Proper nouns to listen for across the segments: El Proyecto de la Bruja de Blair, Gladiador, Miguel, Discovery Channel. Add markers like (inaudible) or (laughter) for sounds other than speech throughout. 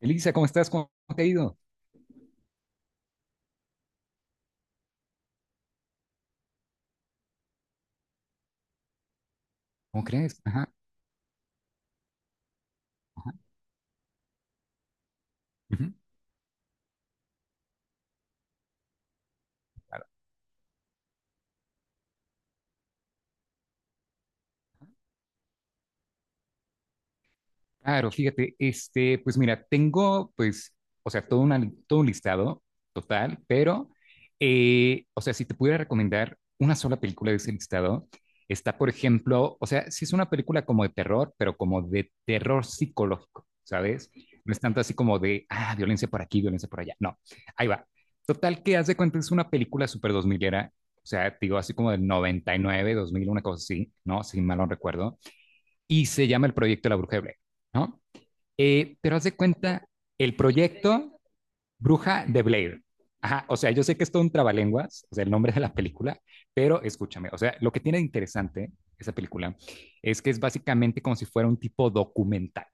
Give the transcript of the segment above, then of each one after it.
Elisa, ¿cómo estás? ¿Cómo te ha ido? ¿Cómo crees? Ajá, ajá, ujú. Claro, fíjate, pues mira, tengo, pues, o sea, todo, todo un listado total, pero, o sea, si te pudiera recomendar una sola película de ese listado, está, por ejemplo, o sea, si es una película como de terror, pero como de terror psicológico, ¿sabes? No es tanto así como de, ah, violencia por aquí, violencia por allá. No, ahí va. Total, que haz de cuenta, es una película súper dos milera, o sea, te digo, así como del 99, 2000, una cosa así, ¿no? Si mal no recuerdo. Y se llama El Proyecto de la Bruja de Blair, ¿no? Pero haz de cuenta, el proyecto Bruja de Blair. Ajá, o sea, yo sé que es todo un trabalenguas, o sea, el nombre de la película, pero escúchame, o sea, lo que tiene de interesante esa película es que es básicamente como si fuera un tipo documental.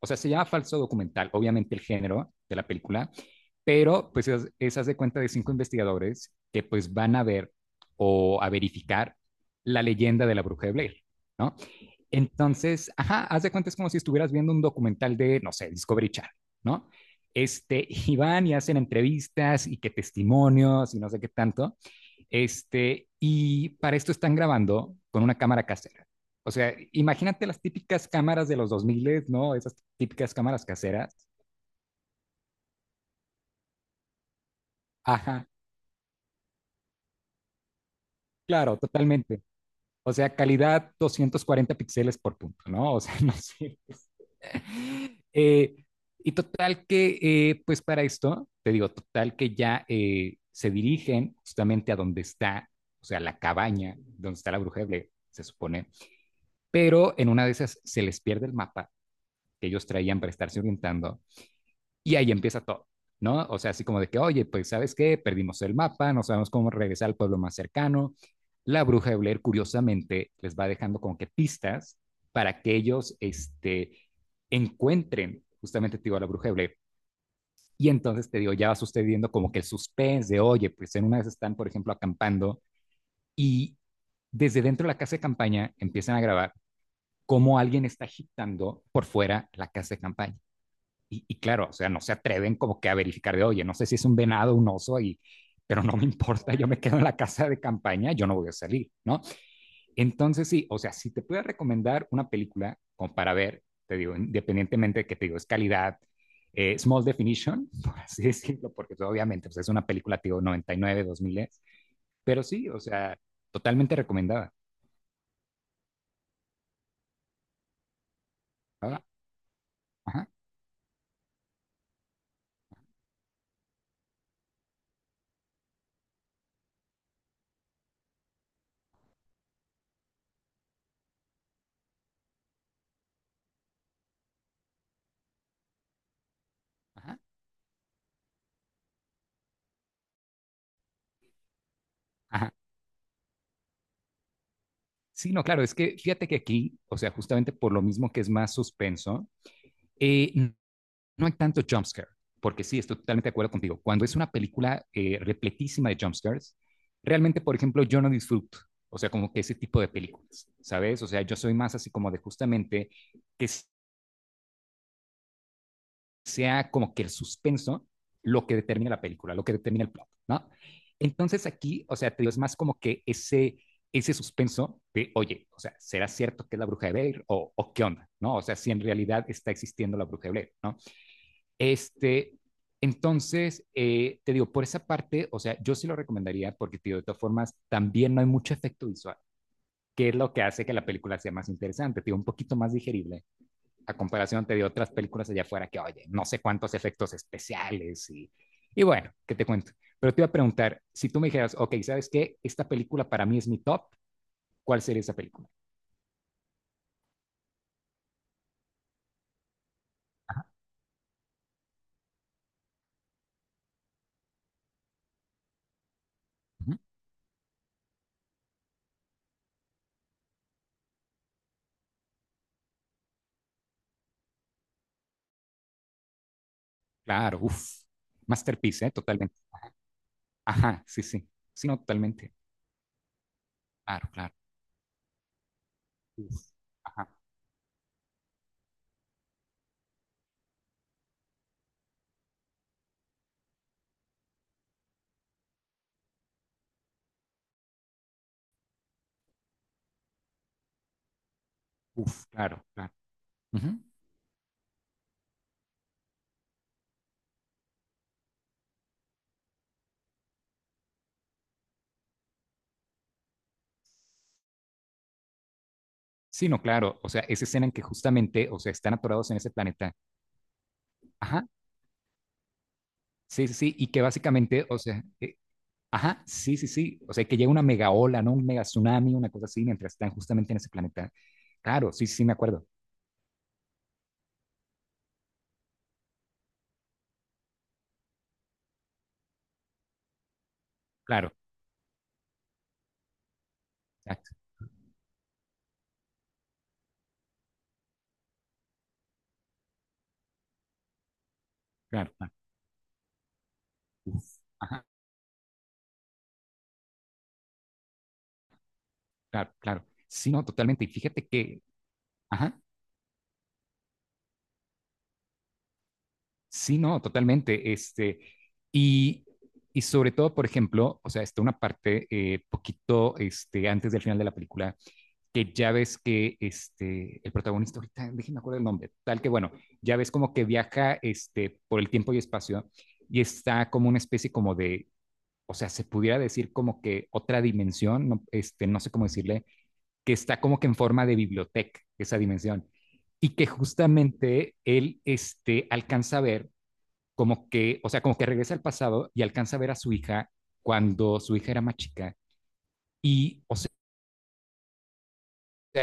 O sea, se llama falso documental, obviamente el género de la película, pero pues es haz de cuenta de cinco investigadores que pues van a ver o a verificar la leyenda de la bruja de Blair, ¿no? Entonces, ajá, haz de cuenta es como si estuvieras viendo un documental de, no sé, Discovery Channel, ¿no? (laughs) Y van y hacen entrevistas y que testimonios y no sé qué tanto. Y para esto están grabando con una cámara casera. O sea, imagínate las típicas cámaras de los 2000, ¿no? Esas típicas cámaras caseras. Ajá, claro, totalmente. O sea, calidad 240 píxeles por punto, ¿no? O sea, (laughs) no sé, (laughs) Eh, y total que, pues para esto, te digo, total que ya se dirigen justamente a donde está, o sea, la cabaña, donde está la bruja de Blair, se supone, pero en una de esas se les pierde el mapa que ellos traían para estarse orientando y ahí empieza todo. ¿No? O sea, así como de que, oye, pues, ¿sabes qué? Perdimos el mapa, no sabemos cómo regresar al pueblo más cercano, la bruja de Blair curiosamente les va dejando como que pistas para que ellos encuentren justamente te digo, a la bruja de Blair. Y entonces te digo, ya va sucediendo como que el suspense de, oye, pues en una vez están, por ejemplo, acampando y desde dentro de la casa de campaña empiezan a grabar cómo alguien está agitando por fuera la casa de campaña. Y claro, o sea, no se atreven como que a verificar de, oye, no sé si es un venado, un oso, y, pero no me importa, yo me quedo en la casa de campaña, yo no voy a salir, ¿no? Entonces, sí, o sea, si te puedo recomendar una película como para ver, te digo, independientemente de que te digo, es calidad, small definition, (laughs) por así decirlo, porque pues, obviamente pues, es una película, te digo, 99, 2000, pero sí, o sea, totalmente recomendada. Ajá, ajá, ajá, ajá. Sí, no, claro, es que fíjate que aquí, o sea, justamente por lo mismo que es más suspenso, eh, no hay tanto jumpscare, porque sí, estoy totalmente de acuerdo contigo. Cuando es una película repletísima de jumpscares, realmente, por ejemplo, yo no disfruto, o sea, como que ese tipo de películas, ¿sabes? O sea, yo soy más así como de justamente que sea como que el suspenso lo que determina la película, lo que determina el plot, ¿no? Entonces aquí, o sea, te digo, es más como que ese suspenso de, oye, o sea, ¿será cierto que es la bruja de Blair o qué onda? ¿No? O sea, si en realidad está existiendo la bruja de Blair, ¿no? Este, entonces, te digo, por esa parte, o sea, yo sí lo recomendaría porque, tío, de todas formas, también no hay mucho efecto visual, que es lo que hace que la película sea más interesante, tío, un poquito más digerible, a comparación, te digo, otras películas allá afuera que, oye, no sé cuántos efectos especiales y bueno, ¿qué te cuento? Pero te iba a preguntar, si tú me dijeras, ok, ¿sabes qué? Esta película para mí es mi top, ¿cuál sería esa película? Ajá, ujú, claro, uff, masterpiece, ¿eh? Totalmente. Ajá, sí, sí, sí, no, totalmente. Claro, claro. Uf, ajá, uf, claro, claro. Ujú. Sí, no, claro, o sea, esa escena en que justamente, o sea, están atorados en ese planeta. Ajá, sí, sí, sí, y que básicamente, o sea, ajá, sí, sí, sí, o sea, que llega una mega ola, ¿no? Un mega tsunami, una cosa así, mientras están justamente en ese planeta. Claro, sí, sí, sí, me acuerdo, claro, exacto, claro, claro, uf, ajá, claro, claro. Sí, no, totalmente, y fíjate que, ajá. Sí, no, totalmente. Y, y sobre todo, por ejemplo, o sea, está una parte poquito antes del final de la película, que ya ves que el protagonista, ahorita déjenme acuerdo el nombre, tal que bueno, ya ves como que viaja por el tiempo y espacio y está como una especie como de, o sea, se pudiera decir como que otra dimensión, no, no sé cómo decirle, que está como que en forma de biblioteca, esa dimensión, y que justamente él alcanza a ver como que, o sea, como que regresa al pasado y alcanza a ver a su hija cuando su hija era más chica. Y, o sea,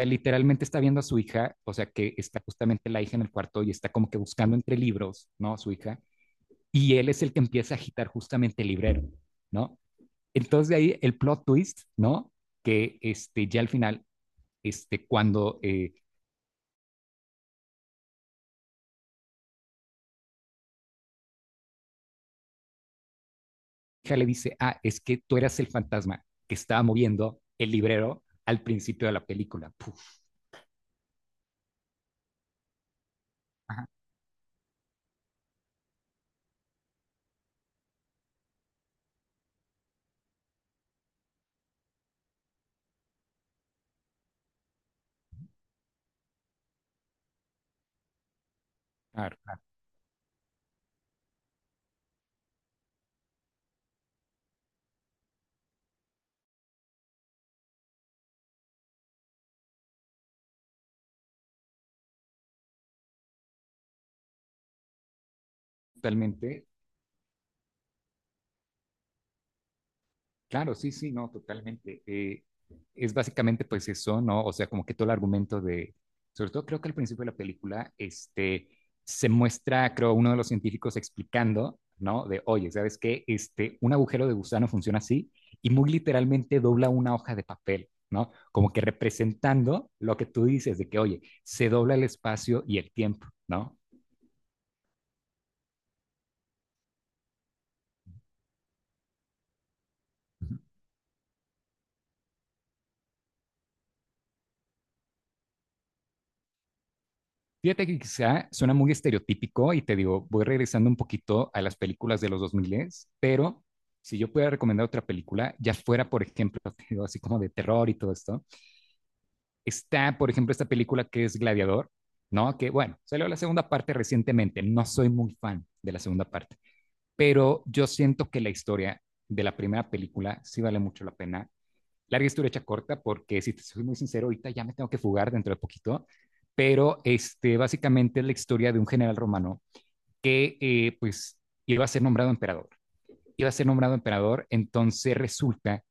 literalmente está viendo a su hija, o sea, que está justamente la hija en el cuarto y está como que buscando entre libros, ¿no? Su hija. Y él es el que empieza a agitar justamente el librero, ¿no? Entonces de ahí el plot twist, ¿no? Que ya al final, cuando hija le dice, ah, es que tú eras el fantasma que estaba moviendo el librero al principio de la película. Puf, ajá, claro, claro, totalmente. Claro, sí, sí, no, totalmente. Es básicamente pues eso, ¿no? O sea, como que todo el argumento de, sobre todo creo que al principio de la película, se muestra, creo, uno de los científicos explicando, ¿no? De, oye, ¿sabes qué? Un agujero de gusano funciona así y muy literalmente dobla una hoja de papel, ¿no? Como que representando lo que tú dices de que, oye, se dobla el espacio y el tiempo, ¿no? Fíjate que quizá suena muy estereotípico y te digo, voy regresando un poquito a las películas de los 2000, pero si yo pudiera recomendar otra película, ya fuera, por ejemplo, (laughs) te digo, así como de terror y todo esto, está, por ejemplo, esta película que es Gladiador, ¿no? Que bueno, salió la segunda parte recientemente, no soy muy fan de la segunda parte, pero yo siento que la historia de la primera película sí vale mucho la pena larga historia hecha corta, porque si te soy muy sincero, ahorita ya me tengo que fugar dentro de poquito, pero básicamente es la historia de un general romano que pues iba a ser nombrado emperador. Iba a ser nombrado emperador, entonces resulta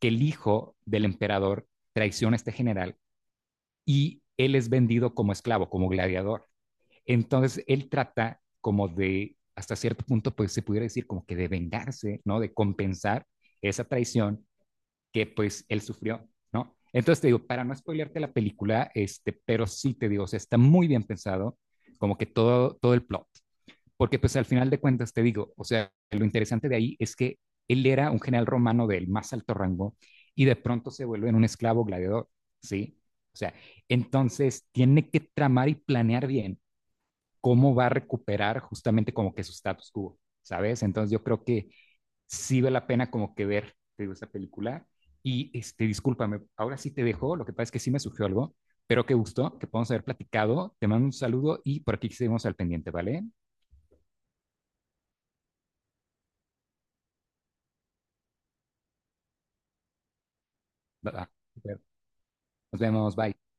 que el hijo del emperador traiciona a este general y él es vendido como esclavo, como gladiador. Entonces él trata como de, hasta cierto punto, pues se pudiera decir como que de vengarse, ¿no? De compensar esa traición que pues él sufrió, ¿no? Entonces te digo, para no spoilearte la película, pero sí te digo, o sea, está muy bien pensado, como que todo, todo el plot, porque pues al final de cuentas te digo, o sea, lo interesante de ahí es que él era un general romano del más alto rango y de pronto se vuelve en un esclavo gladiador, ¿sí? O sea, entonces tiene que tramar y planear bien cómo va a recuperar justamente como que su status quo, ¿sabes? Entonces yo creo que sí vale la pena como que ver, te digo, esta película. Y discúlpame, ahora sí te dejo, lo que pasa es que sí me surgió algo, pero qué gusto que podamos haber platicado. Te mando un saludo y por aquí seguimos al pendiente, ¿vale? Va, va. Nos vemos, bye.